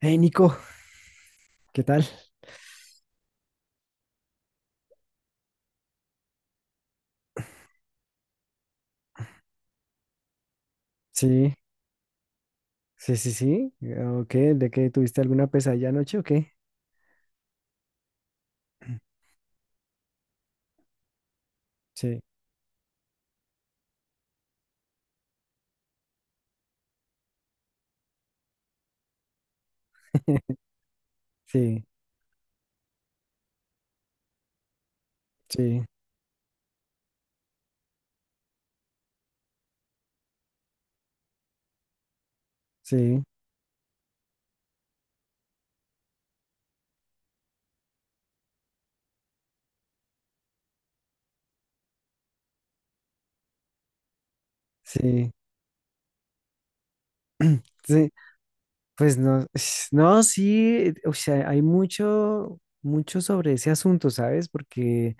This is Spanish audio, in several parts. Hey Nico, ¿qué tal? Sí, sí, sí, sí. ¿O qué? ¿De qué tuviste alguna pesadilla anoche o qué? Sí, sí, sí, sí, sí, sí. Pues no, no, sí, o sea, hay mucho, mucho sobre ese asunto, ¿sabes? Porque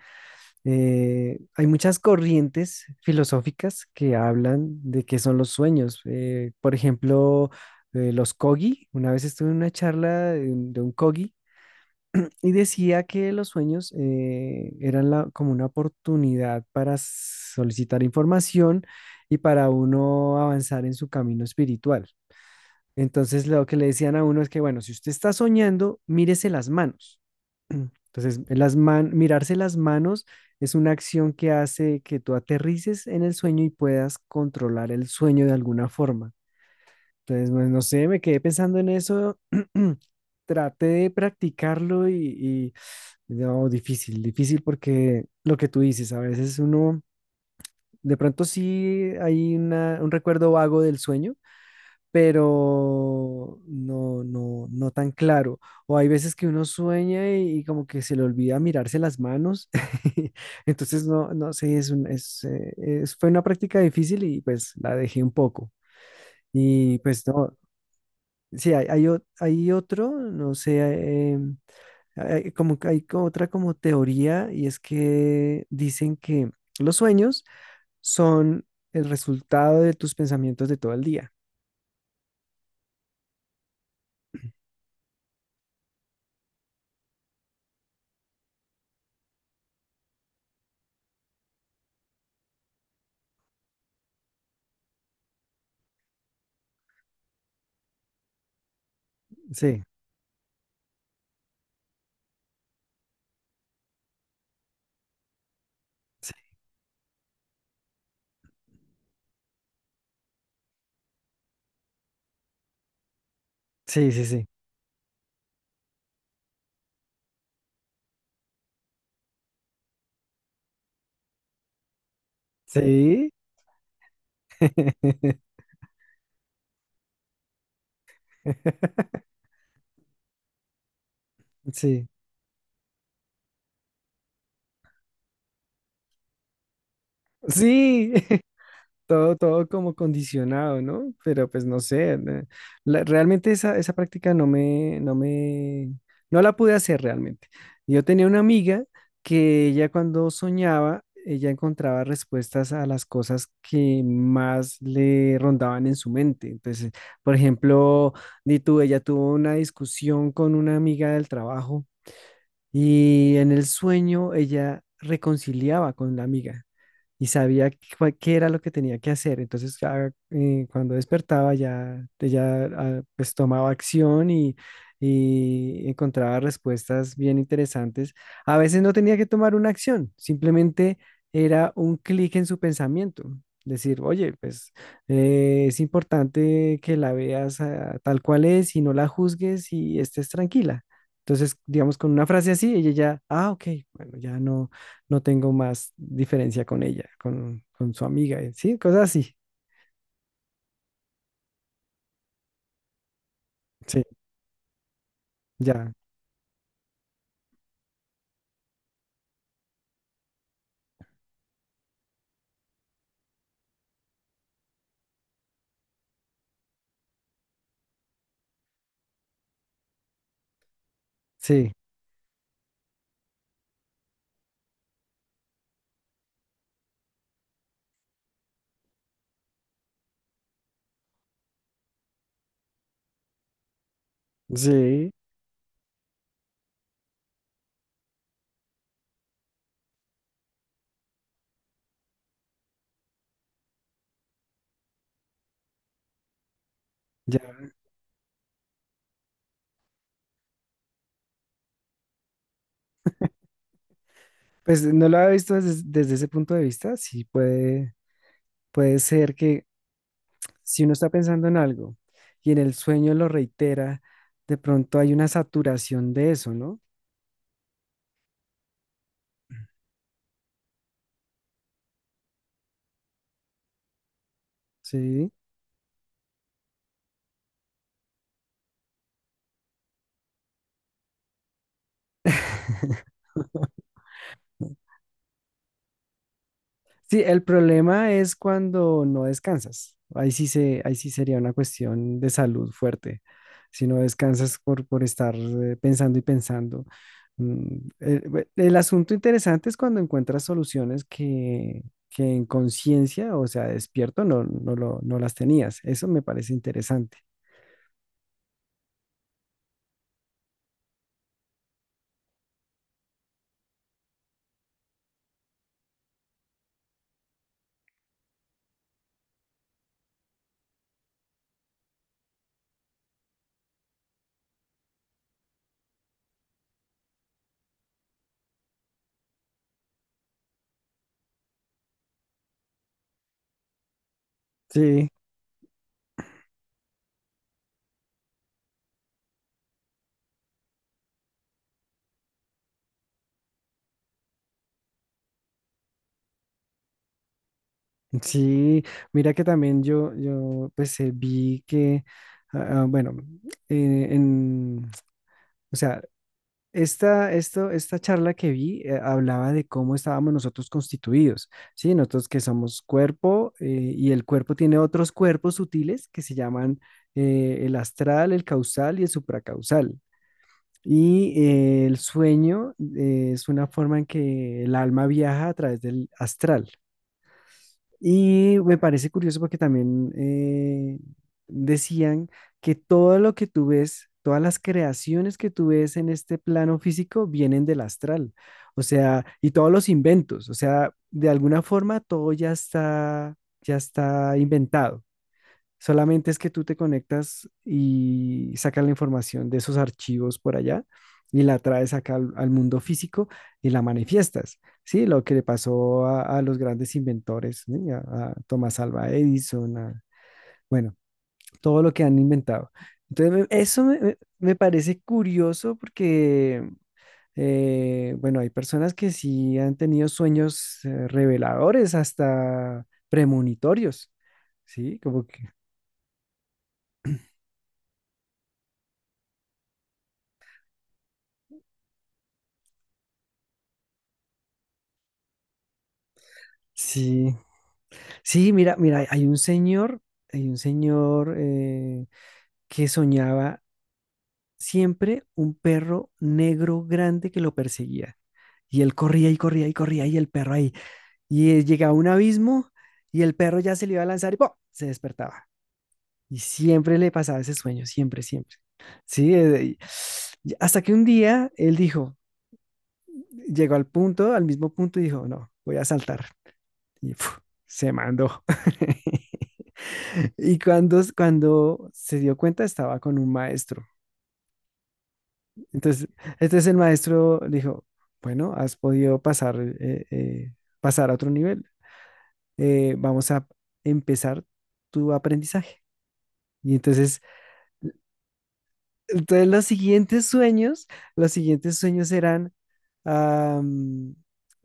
hay muchas corrientes filosóficas que hablan de qué son los sueños. Por ejemplo, los Kogi, una vez estuve en una charla de un Kogi. Y decía que los sueños eran como una oportunidad para solicitar información y para uno avanzar en su camino espiritual. Entonces lo que le decían a uno es que, bueno, si usted está soñando, mírese las manos. Entonces, mirarse las manos es una acción que hace que tú aterrices en el sueño y puedas controlar el sueño de alguna forma. Entonces, pues, no sé, me quedé pensando en eso. Traté de practicarlo y no, difícil, difícil, porque lo que tú dices, a veces uno, de pronto sí hay un recuerdo vago del sueño, pero no, no, no tan claro. O hay veces que uno sueña y como que se le olvida mirarse las manos. Entonces, no, no sé, es un- es- fue una práctica difícil y pues la dejé un poco. Y pues no, sí, hay otro, no sé, em, hay como que hay otra como teoría, y es que dicen que los sueños son el resultado de tus pensamientos de todo el día. Sí, sí, sí, sí, sí. Sí. Sí. Sí. Todo, todo como condicionado, ¿no? Pero pues no sé, realmente esa práctica no la pude hacer realmente. Yo tenía una amiga que ella cuando soñaba, ella encontraba respuestas a las cosas que más le rondaban en su mente. Entonces, por ejemplo, di tú, ella tuvo una discusión con una amiga del trabajo y en el sueño ella reconciliaba con la amiga y sabía qué era lo que tenía que hacer. Entonces, ya, cuando despertaba, ya, ya, pues tomaba acción y encontraba respuestas bien interesantes. A veces no tenía que tomar una acción, simplemente era un clic en su pensamiento. Decir, oye, pues es importante que la veas, tal cual es, y no la juzgues y estés tranquila. Entonces, digamos, con una frase así, ella ya, ok, bueno, ya no tengo más diferencia con ella, con, su amiga, sí, cosas así. Sí, ya, sí, sí, ya. Pues no lo había visto desde, ese punto de vista. Sí puede, ser que si uno está pensando en algo y en el sueño lo reitera, de pronto hay una saturación de eso, ¿no? Sí. Sí, el problema es cuando no descansas. Ahí sí sería una cuestión de salud fuerte. Si no descansas por, estar pensando y pensando. El asunto interesante es cuando encuentras soluciones que en conciencia, o sea, despierto, no, no, no las tenías. Eso me parece interesante. Sí, sí. Mira que también yo, pues vi que, bueno, eh, en, o sea, esta charla que vi hablaba de cómo estábamos nosotros constituidos, ¿sí? Nosotros que somos cuerpo, y el cuerpo tiene otros cuerpos sutiles que se llaman, el astral, el causal y el supracausal. Y el sueño es una forma en que el alma viaja a través del astral. Y me parece curioso porque también decían que todo lo que tú ves, todas las creaciones que tú ves en este plano físico vienen del astral, o sea, y todos los inventos, o sea, de alguna forma todo ya está inventado. Solamente es que tú te conectas y sacas la información de esos archivos por allá y la traes acá al, mundo físico, y la manifiestas. Sí, lo que le pasó a, los grandes inventores, ¿sí? A, Thomas Alva Edison, bueno, todo lo que han inventado. Entonces, eso me parece curioso porque, bueno, hay personas que sí han tenido sueños reveladores, hasta premonitorios, ¿sí? Como que sí. Sí, mira, mira, hay un señor, que soñaba siempre un perro negro grande que lo perseguía. Y él corría y corría y corría, y el perro ahí. Y él llegaba a un abismo y el perro ya se le iba a lanzar, y ¡pum!, se despertaba. Y siempre le pasaba ese sueño, siempre, siempre. Sí, y hasta que un día él dijo, llegó al punto, al mismo punto, y dijo, no, voy a saltar. Y ¡fu!, se mandó. Y cuando, se dio cuenta, estaba con un maestro. Entonces, entonces, el maestro le dijo, bueno, has podido pasar, pasar a otro nivel. Vamos a empezar tu aprendizaje. Y entonces, los siguientes sueños, eran, am,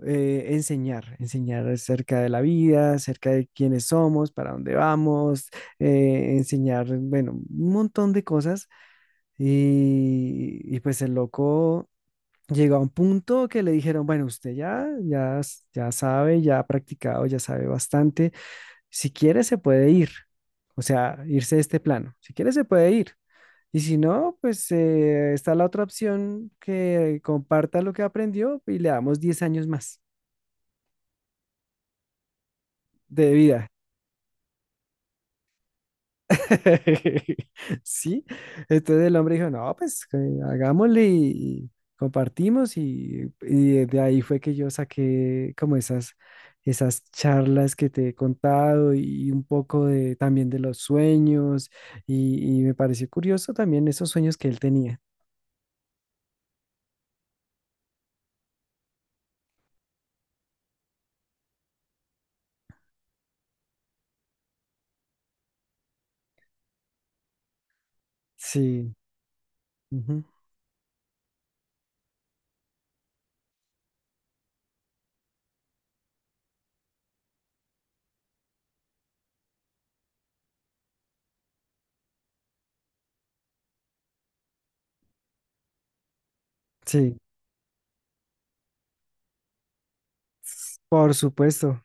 enseñar, acerca de la vida, acerca de quiénes somos, para dónde vamos, enseñar, bueno, un montón de cosas. Y pues el loco llegó a un punto que le dijeron, bueno, usted ya, ya sabe, ya ha practicado, ya sabe bastante. Si quiere, se puede ir. O sea, irse de este plano. Si quiere, se puede ir. Y si no, pues está la otra opción, que comparta lo que aprendió y le damos 10 años más de vida. Sí, entonces el hombre dijo, no, pues que hagámosle, y compartimos, y de ahí fue que yo saqué como esas, charlas que te he contado y un poco de, también de los sueños, y me pareció curioso también esos sueños que él tenía. Sí, ujú, sí, por supuesto,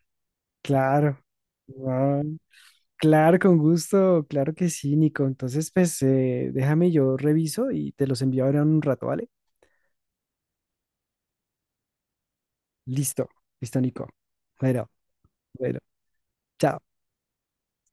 claro. Guau. Claro, con gusto, claro que sí, Nico. Entonces, pues déjame, yo reviso y te los envío ahora en un rato, ¿vale? Listo, listo, Nico. Bueno, bueno, chao.